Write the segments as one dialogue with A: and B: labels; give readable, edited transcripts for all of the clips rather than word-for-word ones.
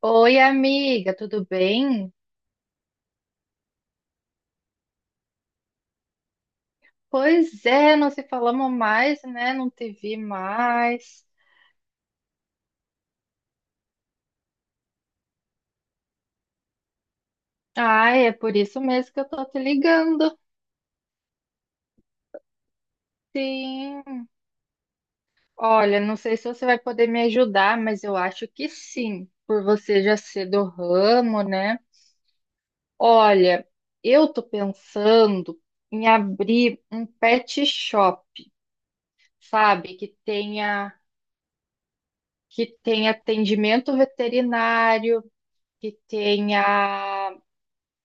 A: Oi, amiga, tudo bem? Pois é, não se falamos mais, né? Não te vi mais. Ai, é por isso mesmo que eu tô te ligando. Sim. Olha, não sei se você vai poder me ajudar, mas eu acho que sim, por você já ser do ramo, né? Olha, eu tô pensando em abrir um pet shop, sabe? Que tenha atendimento veterinário, que tenha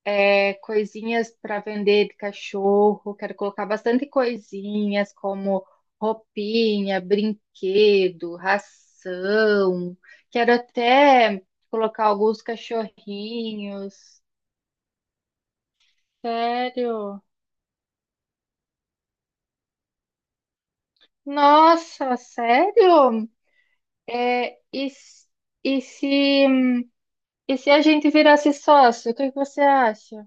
A: coisinhas para vender de cachorro. Quero colocar bastante coisinhas como roupinha, brinquedo, ração. Quero até colocar alguns cachorrinhos. Sério? Nossa, sério? É, e, s- e se, e se a gente virasse sócio, o que que você acha?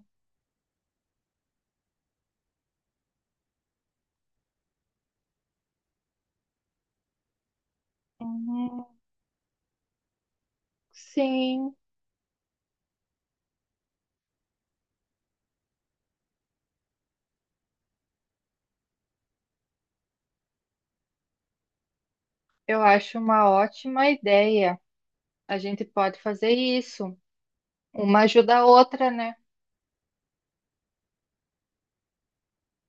A: Uhum, sim, eu acho uma ótima ideia. A gente pode fazer isso. Uma ajuda a outra, né?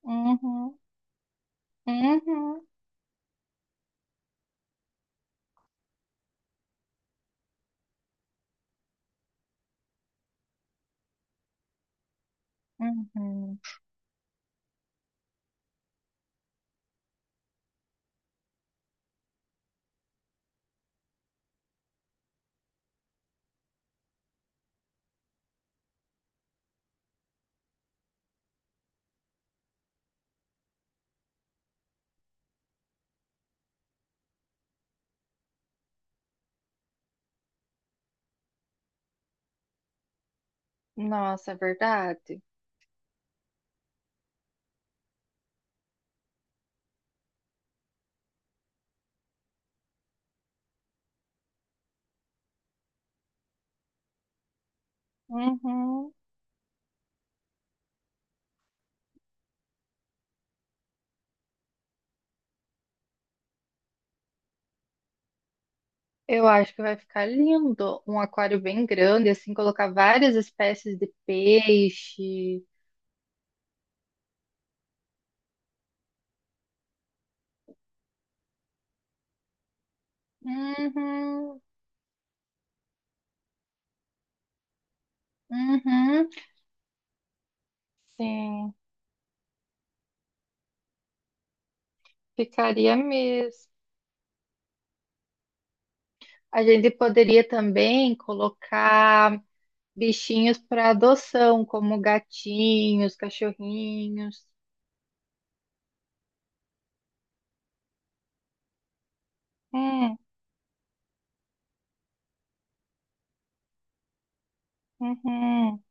A: Uhum, uhum, uhum. Nossa, é verdade. Uhum. Eu acho que vai ficar lindo. Um aquário bem grande, assim, colocar várias espécies de peixe. Uhum, uhum. Sim, ficaria mesmo. A gente poderia também colocar bichinhos para adoção, como gatinhos, cachorrinhos. Hum, uhum.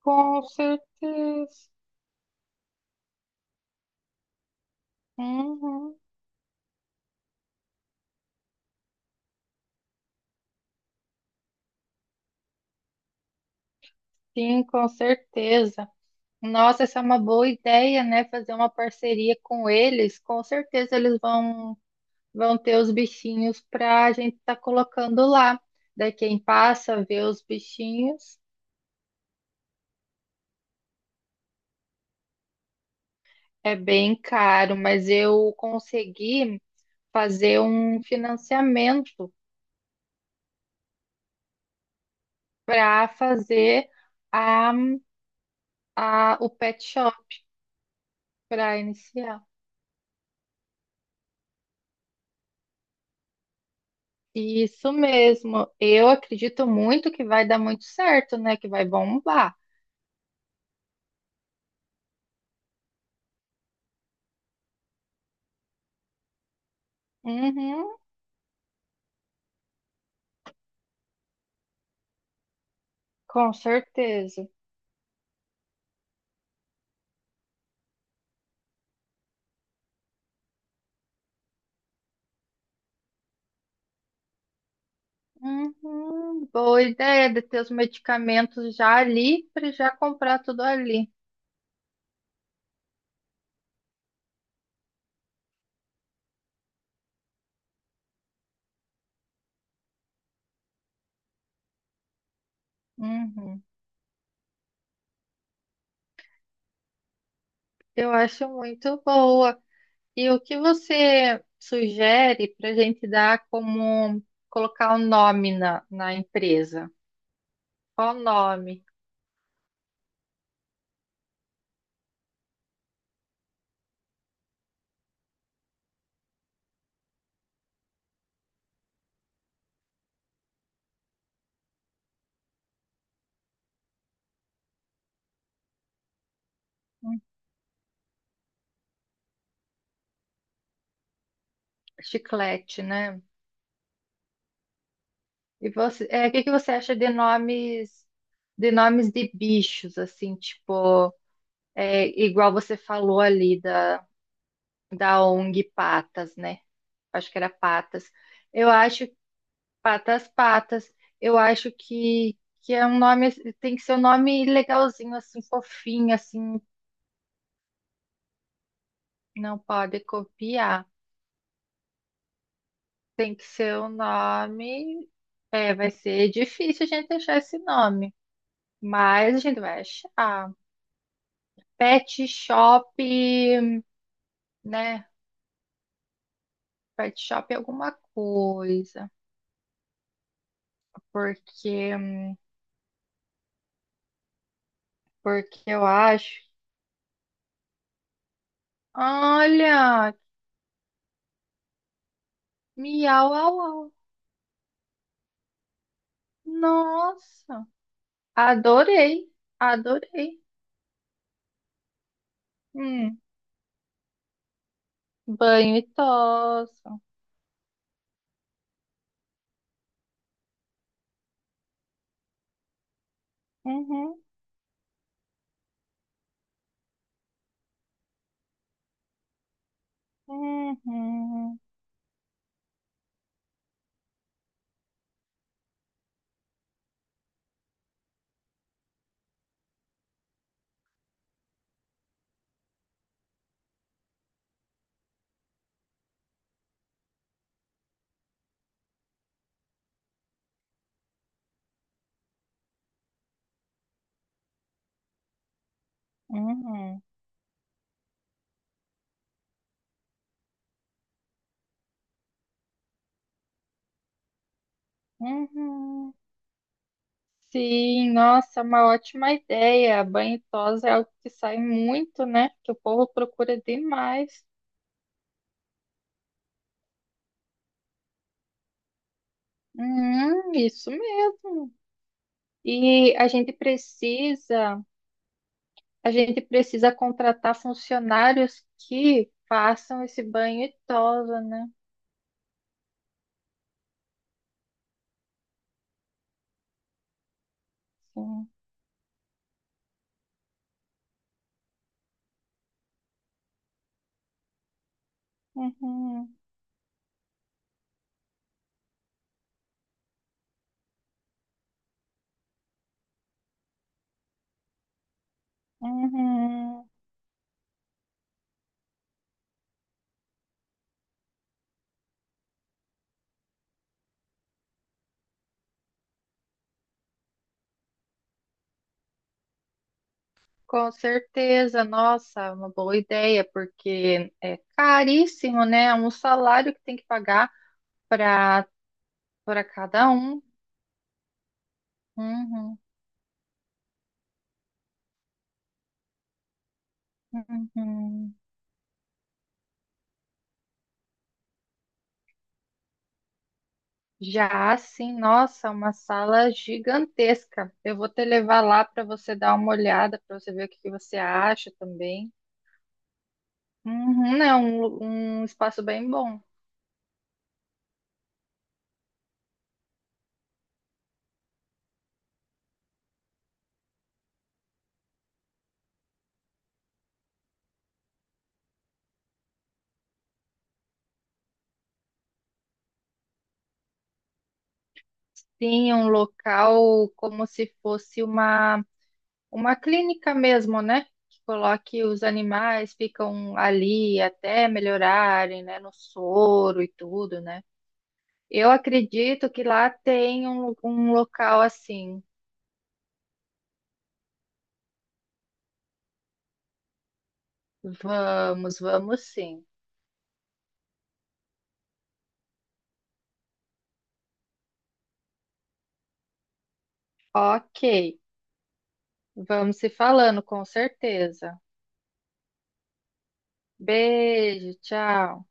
A: Com certeza. Uhum. Sim, com certeza. Nossa, essa é uma boa ideia, né? Fazer uma parceria com eles. Com certeza eles vão, ter os bichinhos para a gente estar colocando lá. Daí quem passa vê os bichinhos é bem caro, mas eu consegui fazer um financiamento para fazer a, o pet shop para iniciar. Isso mesmo. Eu acredito muito que vai dar muito certo, né? Que vai bombar. Uhum, com certeza. Uhum, boa ideia de ter os medicamentos já ali para já comprar tudo ali. Uhum, eu acho muito boa. E o que você sugere para a gente dar como colocar o nome na empresa? Qual o nome? Hum, Chiclete, né? E você, o que que você acha de nomes de bichos, assim, tipo, igual você falou ali da ONG Patas, né? Acho que era Patas. Eu acho Patas Patas. Eu acho que é um nome, tem que ser um nome legalzinho, assim, fofinho, assim, não pode copiar. Tem que ser um nome. É, vai ser difícil a gente achar esse nome, mas a gente vai achar. Pet Shop, né? Pet shop é alguma coisa. Porque, porque eu acho. Olha, miau, au, au. Nossa, adorei, adorei. Hum, banho e tosa. Uhum, uhum, uhum, uhum. Sim, nossa, uma ótima ideia. Banho e tosa é algo que sai muito, né? Que o povo procura demais. Isso mesmo. E a gente precisa contratar funcionários que façam esse banho e tosa, né? Sim. Uhum, uhum. Com certeza, nossa, uma boa ideia, porque é caríssimo, né? É um salário que tem que pagar para para cada um. Uhum, uhum. Já assim, nossa, uma sala gigantesca. Eu vou te levar lá para você dar uma olhada, para você ver o que que você acha também. Uhum, é um, lu- um espaço bem bom. Sim, um local como se fosse uma clínica mesmo, né? Que coloque os animais, ficam ali até melhorarem, né? No soro e tudo, né? Eu acredito que lá tem um local assim. Vamos, vamos sim. Ok, vamos se falando, com certeza. Beijo, tchau.